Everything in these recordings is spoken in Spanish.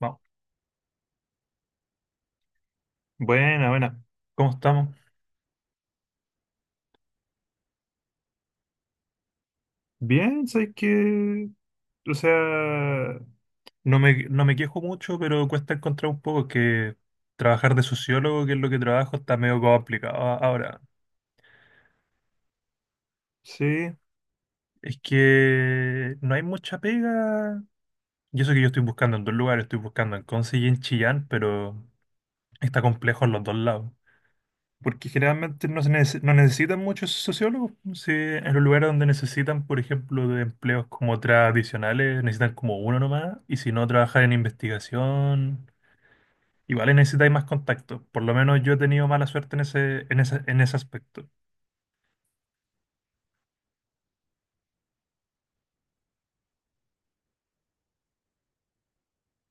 Vamos. Buena, buena. ¿Cómo estamos? Bien, sabes que, o sea, no me quejo mucho, pero cuesta encontrar un poco que trabajar de sociólogo, que es lo que trabajo, está medio complicado ahora. Sí, es que no hay mucha pega. Y eso que yo estoy buscando en dos lugares, estoy buscando en Conce y en Chillán, pero está complejo en los dos lados. Porque generalmente no, no necesitan muchos sociólogos. Si en los lugares donde necesitan, por ejemplo, de empleos como tradicionales, necesitan como uno nomás. Y si no, trabajar en investigación, igual necesitáis más contacto. Por lo menos yo he tenido mala suerte en ese, en ese aspecto.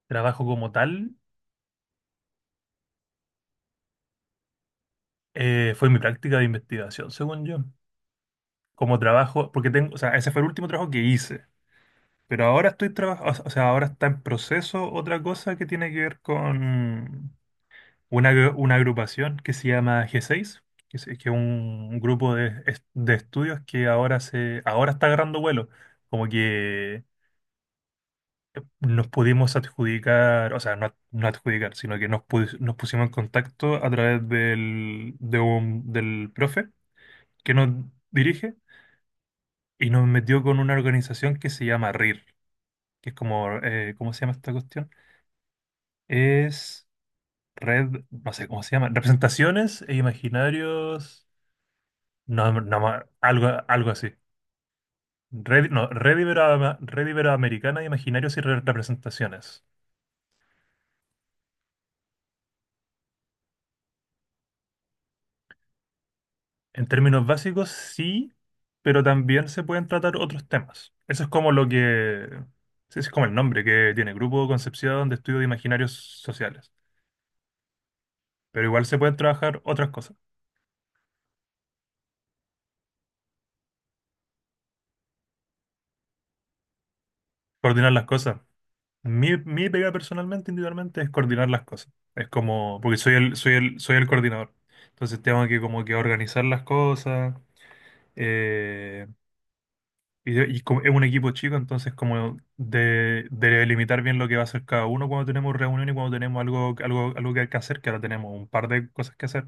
Trabajo como tal, fue mi práctica de investigación, según yo. Como trabajo, porque tengo, o sea, ese fue el último trabajo que hice. Pero ahora estoy trabajando, o sea, ahora está en proceso otra cosa que tiene que ver con una agrupación que se llama G6, que es un grupo de, de estudios que ahora, ahora está agarrando vuelo. Como que nos pudimos adjudicar, o sea, no adjudicar, sino que nos pusimos en contacto a través del profe que nos dirige y nos metió con una organización que se llama RIR, que es como, ¿cómo se llama esta cuestión? Es red, no sé cómo se llama, representaciones e imaginarios. No, no, ma- algo, algo así. Red, no, red, ibero- Red iberoamericana de imaginarios y representaciones. En términos básicos, sí, pero también se pueden tratar otros temas. Eso es como lo que... Sí, ese es como el nombre que tiene, Grupo Concepción de Estudio de Imaginarios Sociales. Pero igual se pueden trabajar otras cosas, coordinar las cosas. Mi pega personalmente, individualmente, es coordinar las cosas. Es como, porque soy el coordinador. Entonces tengo que como que organizar las cosas. eh, Y, y como es un equipo chico, entonces como de limitar bien lo que va a hacer cada uno cuando tenemos reunión y cuando tenemos algo, algo que hay que hacer, que ahora tenemos un par de cosas que hacer.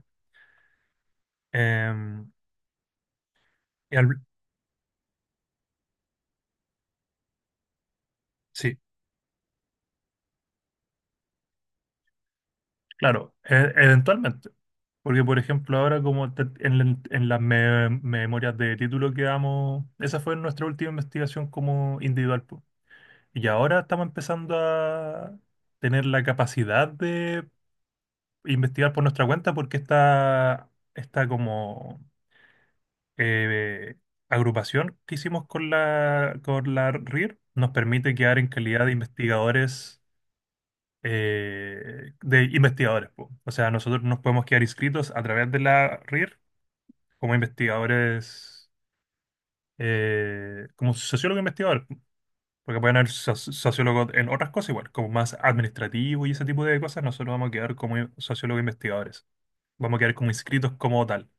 Em, y al- sí, claro, eventualmente. Porque, por ejemplo, ahora como te- en, la- en las memorias de título que damos, esa fue nuestra última investigación como individual, po. Y ahora estamos empezando a tener la capacidad de investigar por nuestra cuenta porque está, está como, eh, agrupación que hicimos con la RIR nos permite quedar en calidad de investigadores, po. O sea, nosotros nos podemos quedar inscritos a través de la RIR como investigadores, como sociólogos investigadores, po. Porque pueden haber sociólogos en otras cosas igual, como más administrativo y ese tipo de cosas, nosotros vamos a quedar como sociólogos investigadores, vamos a quedar como inscritos como tal.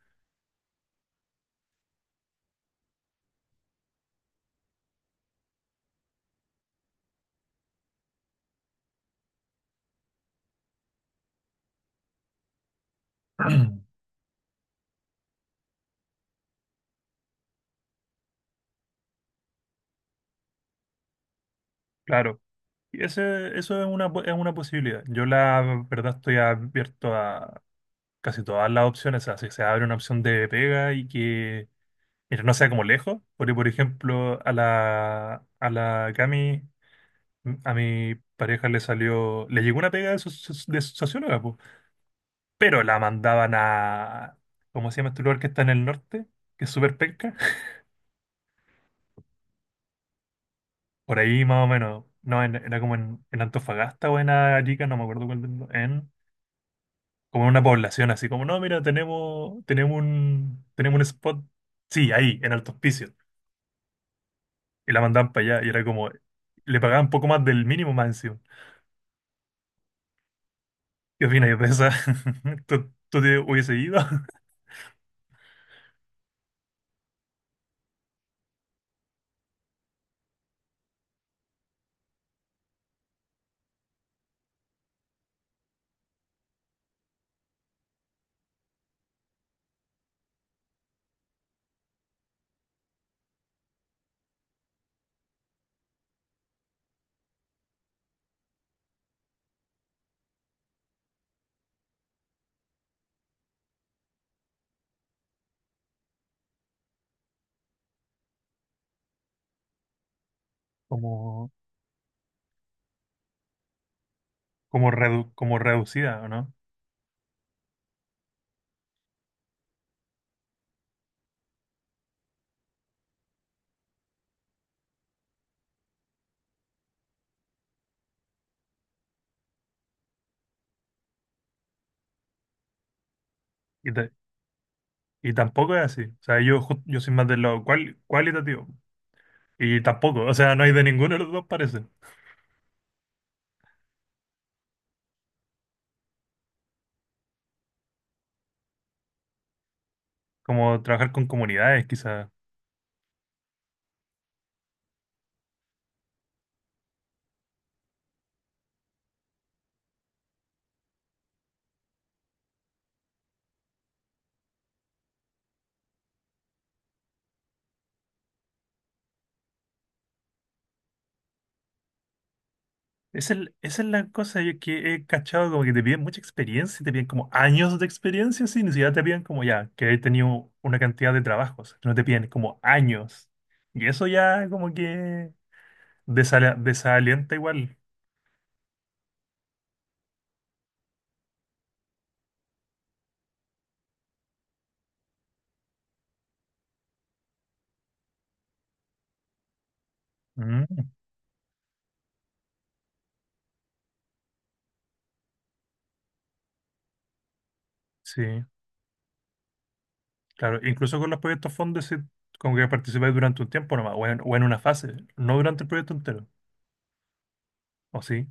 Claro. Y ese, eso es una, es una posibilidad. Yo la verdad estoy abierto a casi todas las opciones. O sea, si se abre una opción de pega y que, mira, no sea como lejos. Porque, por ejemplo, a la Cami, a mi pareja le salió, le llegó una pega de, de socióloga, po, pero la mandaban a, ¿cómo se llama este lugar que está en el norte? Que es súper penca. Por ahí más o menos. No, era como en Antofagasta o en Arica, no me acuerdo cuál. En, como en una población así, como, no, mira, tenemos, tenemos un spot, sí, ahí, en Alto Hospicio. Y la mandaban para allá y era como, le pagaban poco más del mínimo más encima. ¿Qué opinas? Yo pensaba, ¿Tú te hubiese ido como, como, como reducida, ¿o no? Y, ta- y tampoco es así. O sea, yo, yo soy más del lado cualitativo. Y tampoco, o sea, no hay de ninguno de los dos, parece. Como trabajar con comunidades, quizás. Esa es la cosa yo que he cachado, como que te piden mucha experiencia, te piden como años de experiencia, sí, ni siquiera te piden como ya, que he tenido una cantidad de trabajos, no te piden como años. Y eso ya como que desalienta igual. Mm, sí, claro, incluso con los proyectos fondos, sí, como que participáis durante un tiempo nomás, o en una fase, no durante el proyecto entero, ¿o sí?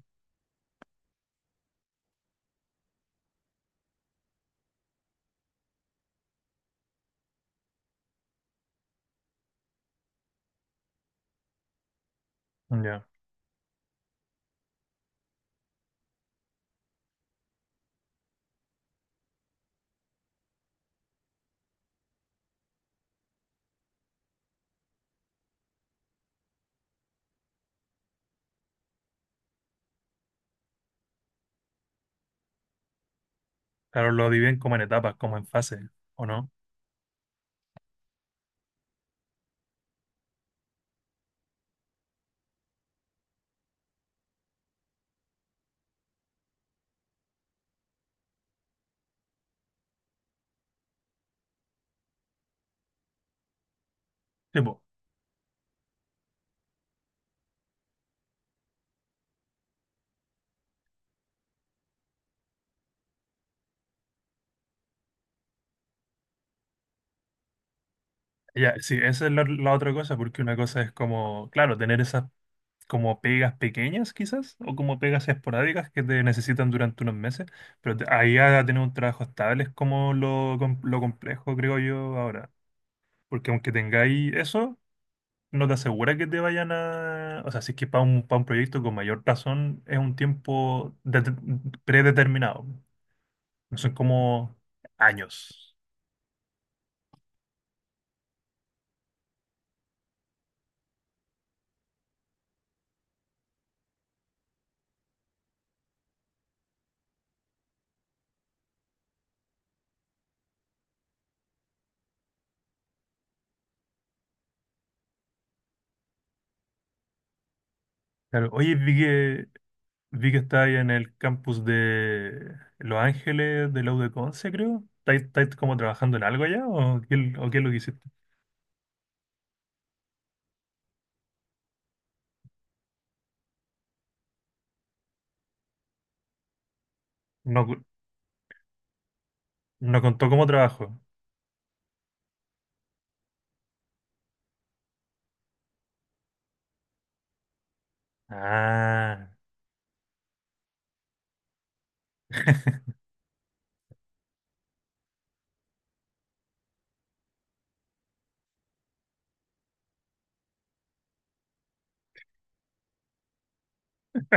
Ya, claro, lo dividen como en etapas, como en fases, ¿o no? Sí, ya, sí, esa es la, la otra cosa, porque una cosa es como, claro, tener esas como pegas pequeñas quizás, o como pegas esporádicas que te necesitan durante unos meses, pero ahí a tener un trabajo estable es como lo, lo complejo, creo yo, ahora. Porque aunque tengáis eso, no te asegura que te vayan a... O sea, si es que para un proyecto con mayor razón es un tiempo predeterminado, no son como años. Claro, oye, vi que está ahí en el campus de Los Ángeles, de la U de Conce, creo. ¿Estáis como trabajando en algo allá o qué es lo que hiciste? No, no contó cómo trabajo. Ah,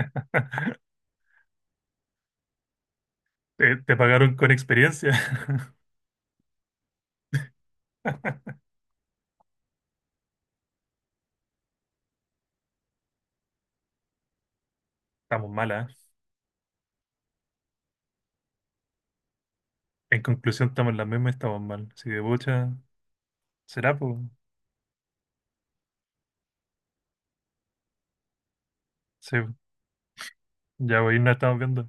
te pagaron con experiencia. Estamos mal, ¿eh? En conclusión, estamos en la misma y estamos mal. Así que, pucha, será, pues. Sí, ya hoy nos estamos viendo.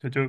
Chau, chau.